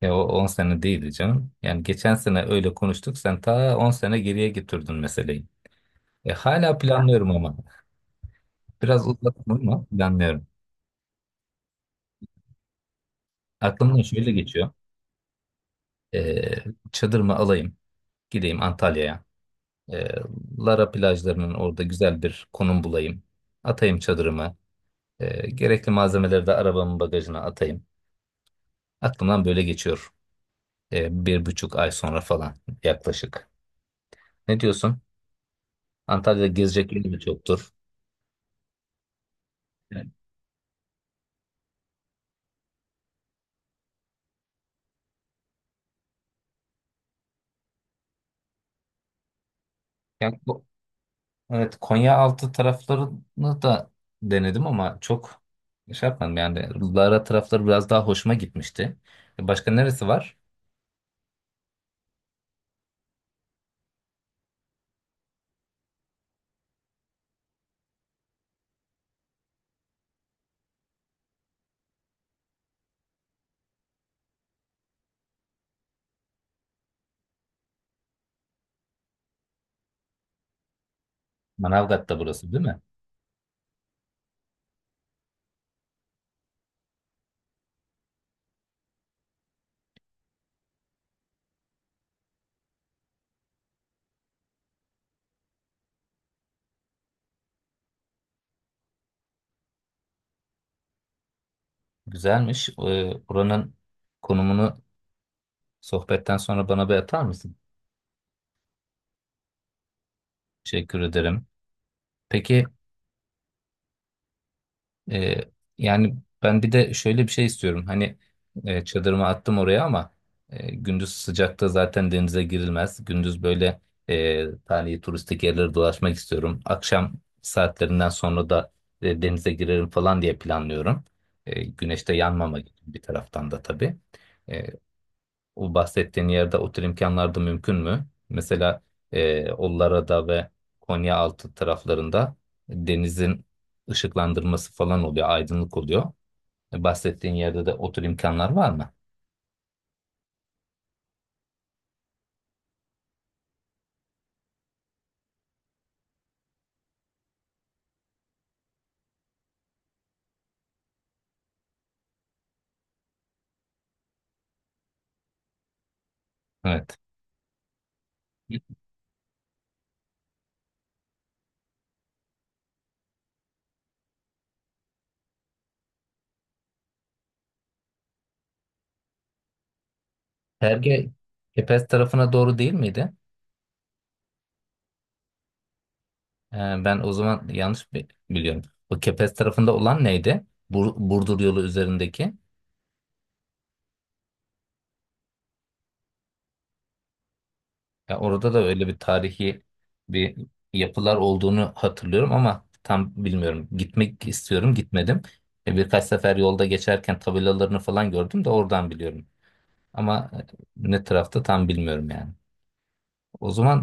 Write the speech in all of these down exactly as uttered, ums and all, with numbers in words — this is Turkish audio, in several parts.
Ya o on sene değildi canım. Yani geçen sene öyle konuştuk. Sen ta on sene geriye götürdün meseleyi. E, hala planlıyorum ama. Biraz uzattım ama planlıyorum. Aklımdan şöyle geçiyor. E, Çadırımı alayım. Gideyim Antalya'ya. E, Lara plajlarının orada güzel bir konum bulayım. Atayım çadırımı. E, gerekli malzemeleri de arabamın bagajına atayım. Aklımdan böyle geçiyor. E, bir buçuk ay sonra falan yaklaşık. Ne diyorsun? Antalya'da gezecek yerimiz çoktur. Yani, evet, Konyaaltı taraflarını da denedim ama çok şey yapmadım. Yani Lara tarafları biraz daha hoşuma gitmişti. E, Başka neresi var? Manavgat'ta burası değil mi? Güzelmiş. Ee, Buranın konumunu sohbetten sonra bana bir atar mısın? Teşekkür ederim. Peki. Ee, Yani ben bir de şöyle bir şey istiyorum. Hani, e, çadırımı attım oraya, ama e, gündüz sıcakta zaten denize girilmez. Gündüz böyle e, tarihi turistik yerleri dolaşmak istiyorum. Akşam saatlerinden sonra da e, denize girerim falan diye planlıyorum. E, güneşte yanmamak için bir taraftan da tabii. E, O bahsettiğin yerde o tür imkanlar da mümkün mü? Mesela e, Ollara'da ve Konyaaltı taraflarında denizin ışıklandırması falan oluyor, aydınlık oluyor. E, bahsettiğin yerde de o tür imkanlar var mı? Evet. Perge Kepez tarafına doğru değil miydi? E, Ben o zaman yanlış bi- biliyorum. O Kepez tarafında olan neydi? Bur- Burdur yolu üzerindeki. Ya orada da öyle bir tarihi bir yapılar olduğunu hatırlıyorum ama tam bilmiyorum. Gitmek istiyorum, gitmedim. E, Birkaç sefer yolda geçerken tabelalarını falan gördüm de oradan biliyorum. Ama e, ne tarafta tam bilmiyorum yani. O zaman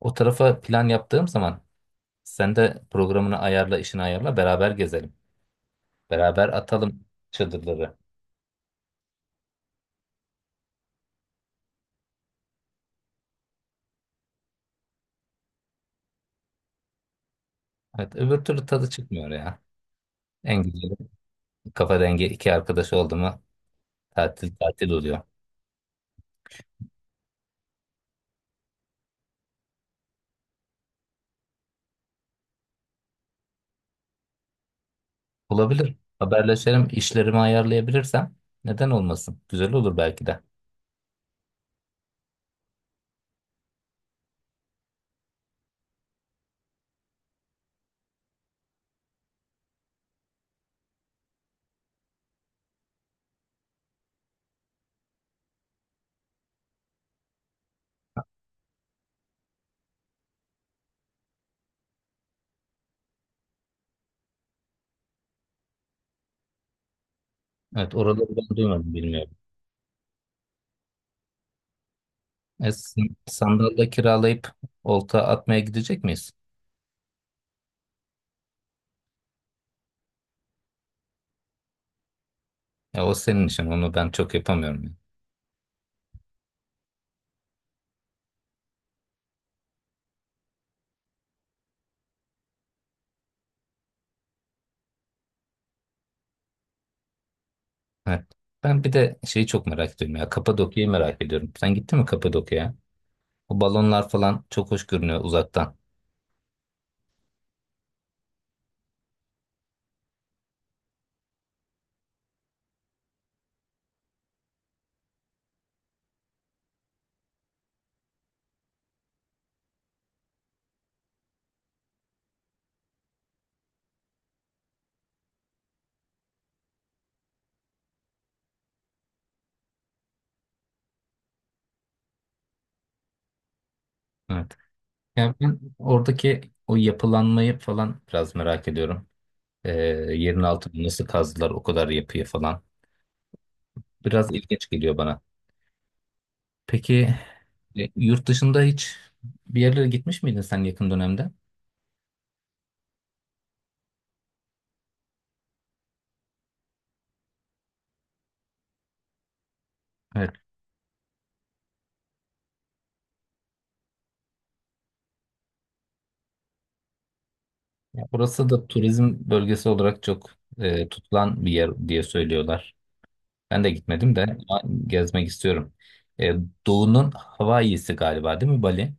o tarafa plan yaptığım zaman sen de programını ayarla, işini ayarla, beraber gezelim. Beraber atalım çadırları. Evet, öbür türlü tadı çıkmıyor ya. En güzeli, kafa dengi iki arkadaş oldu mu tatil tatil oluyor. Olabilir. Haberleşelim, işlerimi ayarlayabilirsem neden olmasın? Güzel olur belki de. Evet, oraları ben duymadım, bilmiyorum. E, s- Sandal da kiralayıp olta atmaya gidecek miyiz? Ya o senin işin, onu ben çok yapamıyorum. yani. Evet. Ben bir de şeyi çok merak ediyorum ya, Kapadokya'yı merak ediyorum. Sen gittin mi Kapadokya'ya? O balonlar falan çok hoş görünüyor uzaktan. Evet. Yani ben oradaki o yapılanmayı falan biraz merak ediyorum. Ee, Yerin altını nasıl kazdılar o kadar yapıyı falan. Biraz ilginç geliyor bana. Peki, e, yurt dışında hiç bir yerlere gitmiş miydin sen yakın dönemde? Evet. Ya burası da turizm bölgesi olarak çok e, tutulan bir yer diye söylüyorlar. Ben de gitmedim de ama gezmek istiyorum. E, Doğu'nun Hawaii'si galiba değil mi Bali?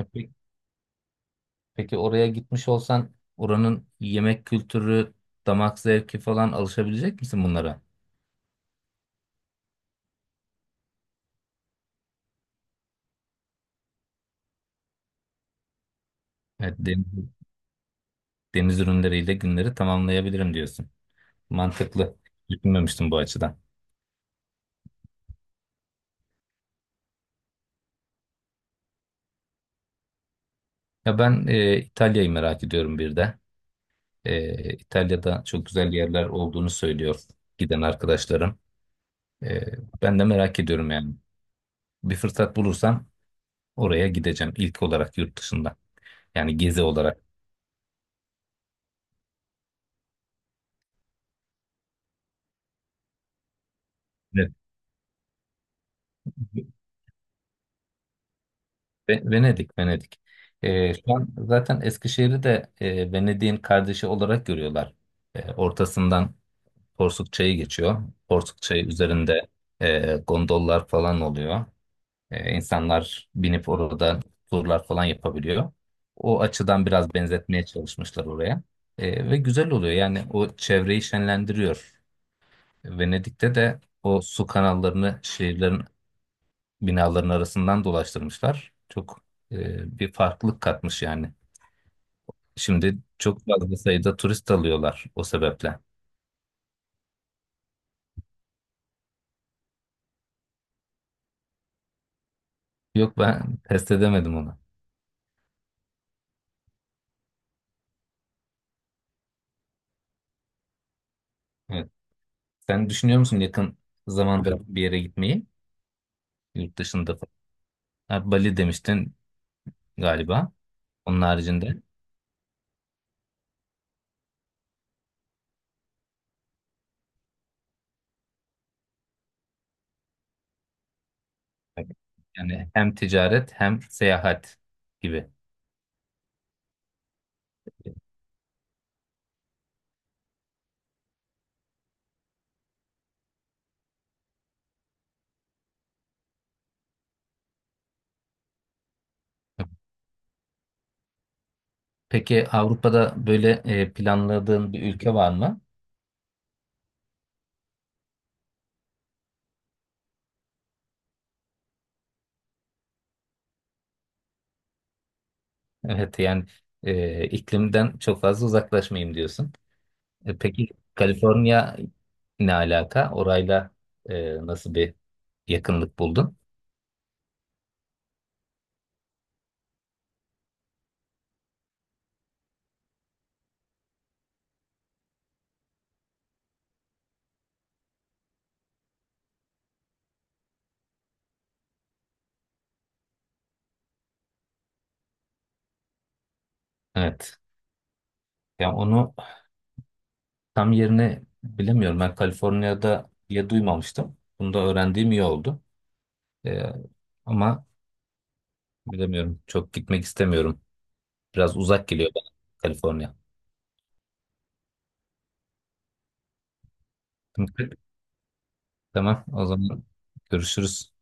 E, pe- peki oraya gitmiş olsan oranın yemek kültürü, damak zevki falan alışabilecek misin bunlara? Evet, deniz, deniz ürünleriyle günleri tamamlayabilirim diyorsun. Mantıklı. Düşünmemiştim bu açıdan. Ya ben e, İtalya'yı merak ediyorum bir de. E, İtalya'da çok güzel yerler olduğunu söylüyor giden arkadaşlarım. E, Ben de merak ediyorum yani. Bir fırsat bulursam oraya gideceğim ilk olarak yurt dışında. Yani gezi olarak. Ve- Ve- Venedik, Venedik. E, şu an zaten Eskişehir'i de e, Venedik'in kardeşi olarak görüyorlar. E, ortasından Porsuk Çayı geçiyor. Porsuk Çayı üzerinde e, gondollar falan oluyor. Ee, insanlar binip orada turlar falan yapabiliyor. O açıdan biraz benzetmeye çalışmışlar oraya. Ee, ve güzel oluyor. Yani o çevreyi şenlendiriyor. Venedik'te de o su kanallarını şehirlerin binaların arasından dolaştırmışlar. Çok e, bir farklılık katmış yani. Şimdi çok fazla sayıda turist alıyorlar o sebeple. Yok, ben test edemedim onu. Evet. Sen düşünüyor musun yakın zamanda bir yere gitmeyi? Yurt dışında. falan? Ha, Bali demiştin galiba. Onun haricinde yani hem ticaret hem seyahat gibi. Peki, Avrupa'da böyle e, planladığın bir ülke var mı? Evet, yani e, iklimden çok fazla uzaklaşmayayım diyorsun. E, peki Kaliforniya ne alaka? Orayla e, nasıl bir yakınlık buldun? Evet. Yani onu tam yerini bilemiyorum. Ben Kaliforniya'da diye duymamıştım. Bunu da öğrendiğim iyi oldu. E, Ama bilemiyorum. Çok gitmek istemiyorum. Biraz uzak geliyor bana Kaliforniya. Tamam o zaman görüşürüz.